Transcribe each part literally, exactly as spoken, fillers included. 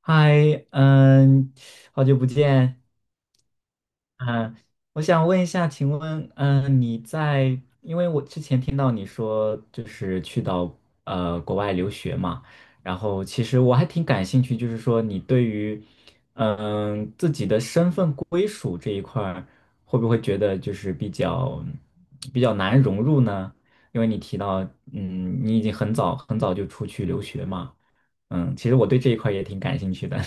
嗨，嗯，好久不见。嗯，我想问一下，请问，嗯，你在，因为我之前听到你说就是去到呃国外留学嘛。然后其实我还挺感兴趣，就是说你对于嗯自己的身份归属这一块儿，会不会觉得就是比较比较难融入呢？因为你提到，嗯，你已经很早很早就出去留学嘛。嗯，其实我对这一块儿也挺感兴趣的。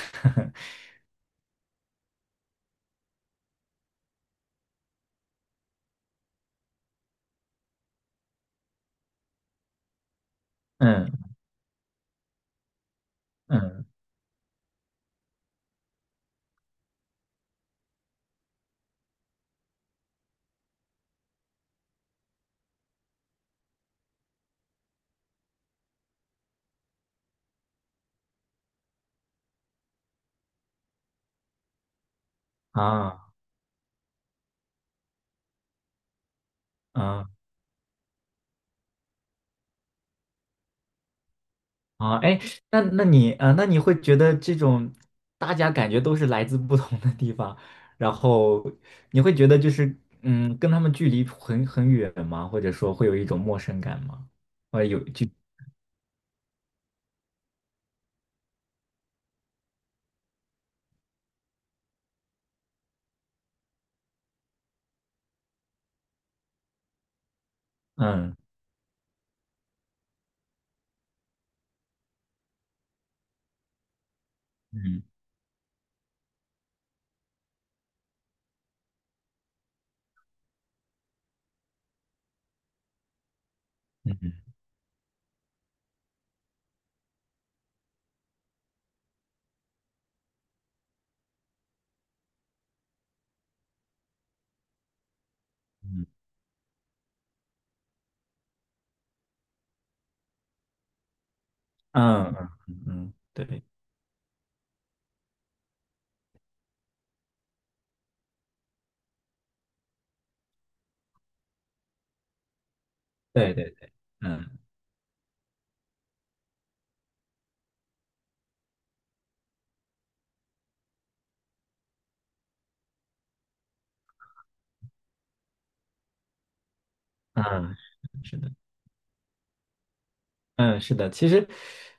嗯。嗯啊啊啊！哎，那那你啊，呃那你会觉得这种大家感觉都是来自不同的地方，然后你会觉得就是嗯，跟他们距离很很远吗？或者说会有一种陌生感吗？或者有就嗯嗯嗯嗯嗯嗯嗯，嗯对对对对，嗯嗯，是的。嗯，是的。其实，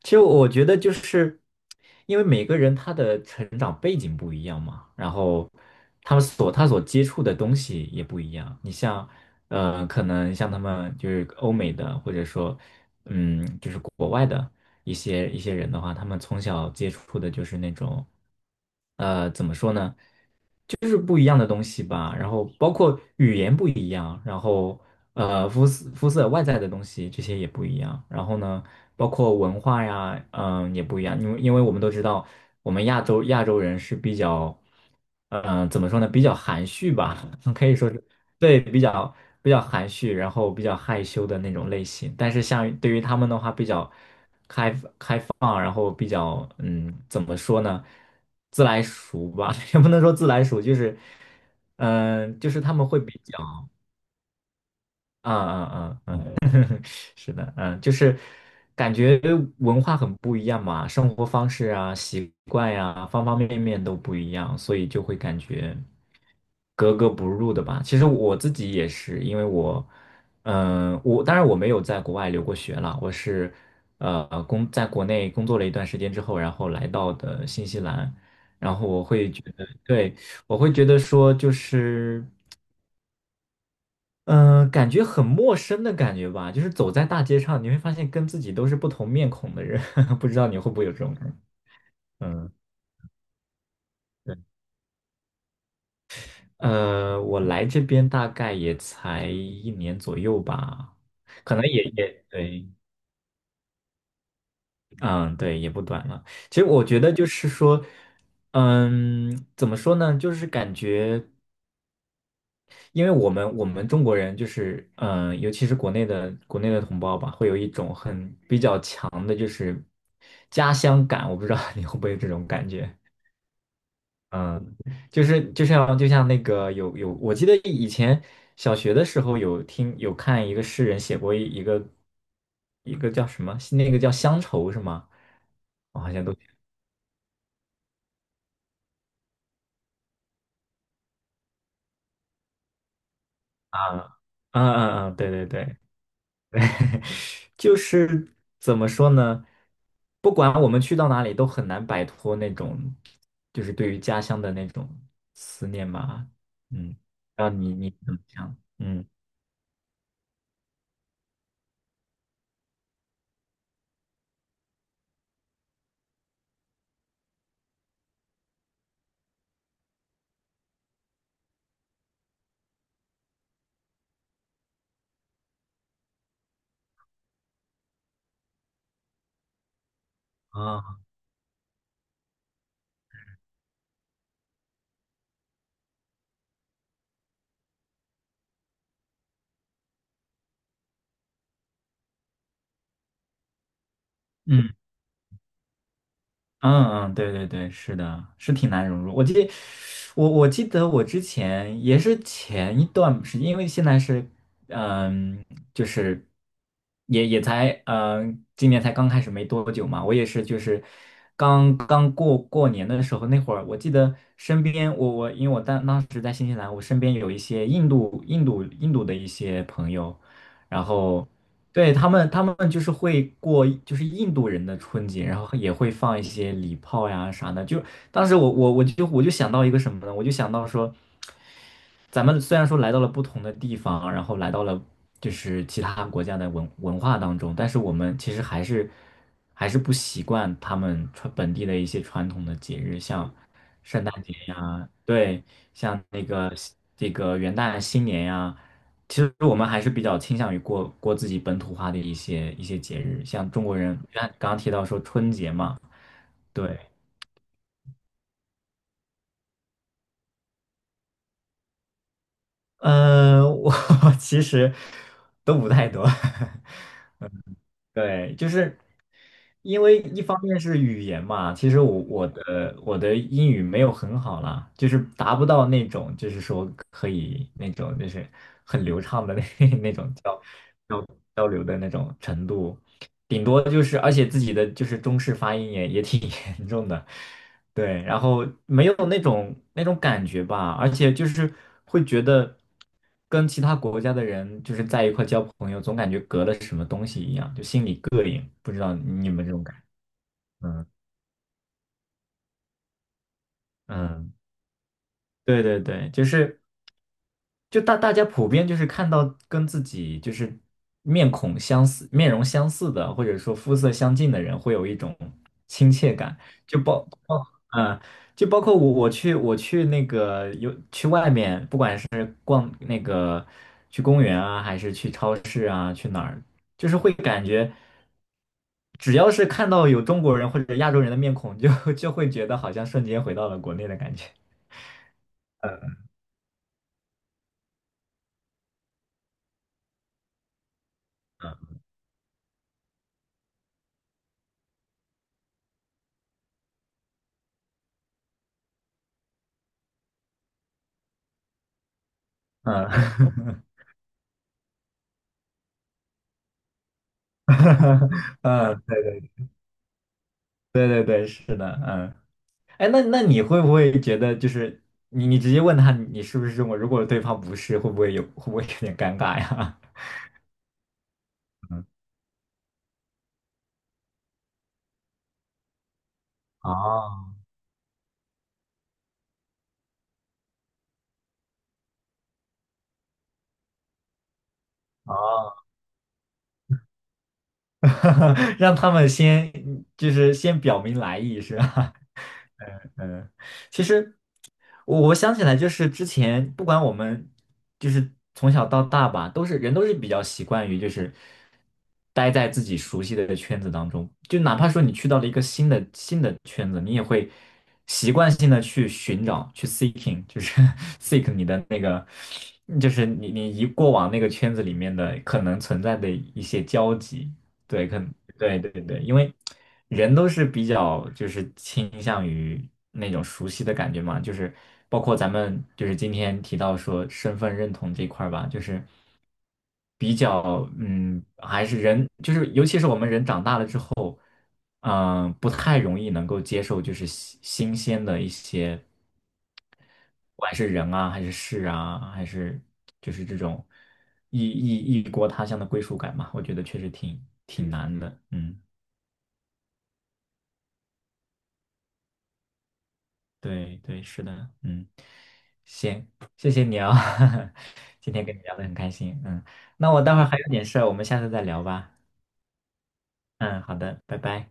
其实我觉得就是因为每个人他的成长背景不一样嘛，然后他们所他所接触的东西也不一样。你像，呃，可能像他们就是欧美的，或者说，嗯，就是国外的一些一些人的话，他们从小接触的就是那种，呃，怎么说呢？就是不一样的东西吧。然后包括语言不一样，然后呃肤色肤色外在的东西这些也不一样。然后呢，包括文化呀，嗯、也不一样。因为因为我们都知道，我们亚洲亚洲人是比较，嗯、怎么说呢，比较含蓄吧。可以说是对比较比较含蓄，然后比较害羞的那种类型。但是像对于他们的话，比较。啊，然后比较嗯，怎么说呢，自来熟吧。也不能说自来熟，就是嗯、呃就是他们会比较。啊啊啊。是的。嗯，就是感觉文化很不一样嘛，生活方式啊、习惯呀、方方面面都不一样，所以就会感觉格格不入的吧。其实我自己也是，因为我，嗯、我当然我没有在国外留过学了，我是呃工在国内工作了一段时间之后，然后来到的新西兰。然后我会觉得，对。我会觉得说就是。嗯、呃感觉很陌生的感觉吧，就是走在大街上，你会发现跟自己都是不同面孔的人。不知道你会不会有这种感觉？嗯，对，呃，我来这边大概也才一年左右吧，可能也也对。嗯，对，也不短了。其实我觉得就是说，嗯，怎么说呢，就是感觉。因为我们我们中国人就是，嗯、尤其是国内的国内的同胞吧，会有一种很比较强的，就是家乡感。我不知道你会不会有这种感觉。嗯，就是就像就像那个有有，我记得以前小学的时候有听有看一个诗人写过一一个一个叫什么，那个叫乡愁是吗？我好像都啊啊啊啊，对对对。就是怎么说呢？不管我们去到哪里，都很难摆脱那种，就是对于家乡的那种思念吧。嗯，让你你怎么想？嗯啊，嗯嗯嗯，对对对，是的，是挺难融入。我记得，我我记得我之前也是前一段时间，因为现在是，嗯，就是也也才，嗯，今年才刚开始没多久嘛。我也是，就是刚刚过过年的时候那会儿，我记得身边我我因为我当当时在新西兰，我身边有一些印度印度印度的一些朋友，然后。对，他们，他们就是会过，就是印度人的春节，然后也会放一些礼炮呀啥的。就当时我我我就我就想到一个什么呢？我就想到说，咱们虽然说来到了不同的地方，然后来到了就是其他国家的文文化当中，但是我们其实还是还是不习惯他们传本地的一些传统的节日，像圣诞节呀，对，像那个这个元旦、新年呀。其实我们还是比较倾向于过过自己本土化的一些一些节日，像中国人，刚刚刚提到说春节嘛。对。呃，我 其实都不太多。对，就是因为一方面是语言嘛，其实我我的我的英语没有很好啦，就是达不到那种就是说可以那种就是很流畅的那 那种交交交流的那种程度，顶多就是而且自己的就是中式发音也也挺 严重的。对，然后没有那种那种感觉吧，而且就是会觉得。跟其他国家的人就是在一块交朋友，总感觉隔了什么东西一样，就心里膈应。不知道你们这种感觉。嗯，对对对，就是。就大大家普遍就是看到跟自己就是面孔相似、面容相似的，或者说肤色相近的人，会有一种亲切感。就包包嗯，就包括我我去我去那个有去外面，不管是逛那个去公园啊，还是去超市啊，去哪儿，就是会感觉只要是看到有中国人或者亚洲人的面孔，就就会觉得好像瞬间回到了国内的感觉。嗯。嗯，对对对对对，是的。嗯，哎，那那你会不会觉得就是你你直接问他你是不是中国人如果对方不是，会不会有会不会有点尴尬呀？嗯，哦哦，让他们先就是先表明来意是吧？嗯，其实我我想起来，就是之前不管我们就是从小到大吧，都是人都是比较习惯于就是待在自己熟悉的圈子当中，就哪怕说你去到了一个新的新的圈子，你也会习惯性的去寻找，去 seeking，就是 seek 你的那个，就是你你一过往那个圈子里面的可能存在的一些交集。对，可能对对对。因为人都是比较就是倾向于那种熟悉的感觉嘛，就是包括咱们就是今天提到说身份认同这一块儿吧，就是比较嗯，还是人就是尤其是我们人长大了之后。嗯、不太容易能够接受，就是新新鲜的一些，不管是人啊，还是事啊，还是就是这种异异异国他乡的归属感嘛，我觉得确实挺挺嗯难嗯的。嗯，对对，是的。嗯，行，谢谢你啊、今天跟你聊的很开心。嗯，那我待会儿还有点事儿，我们下次再聊吧。嗯，好的，拜拜。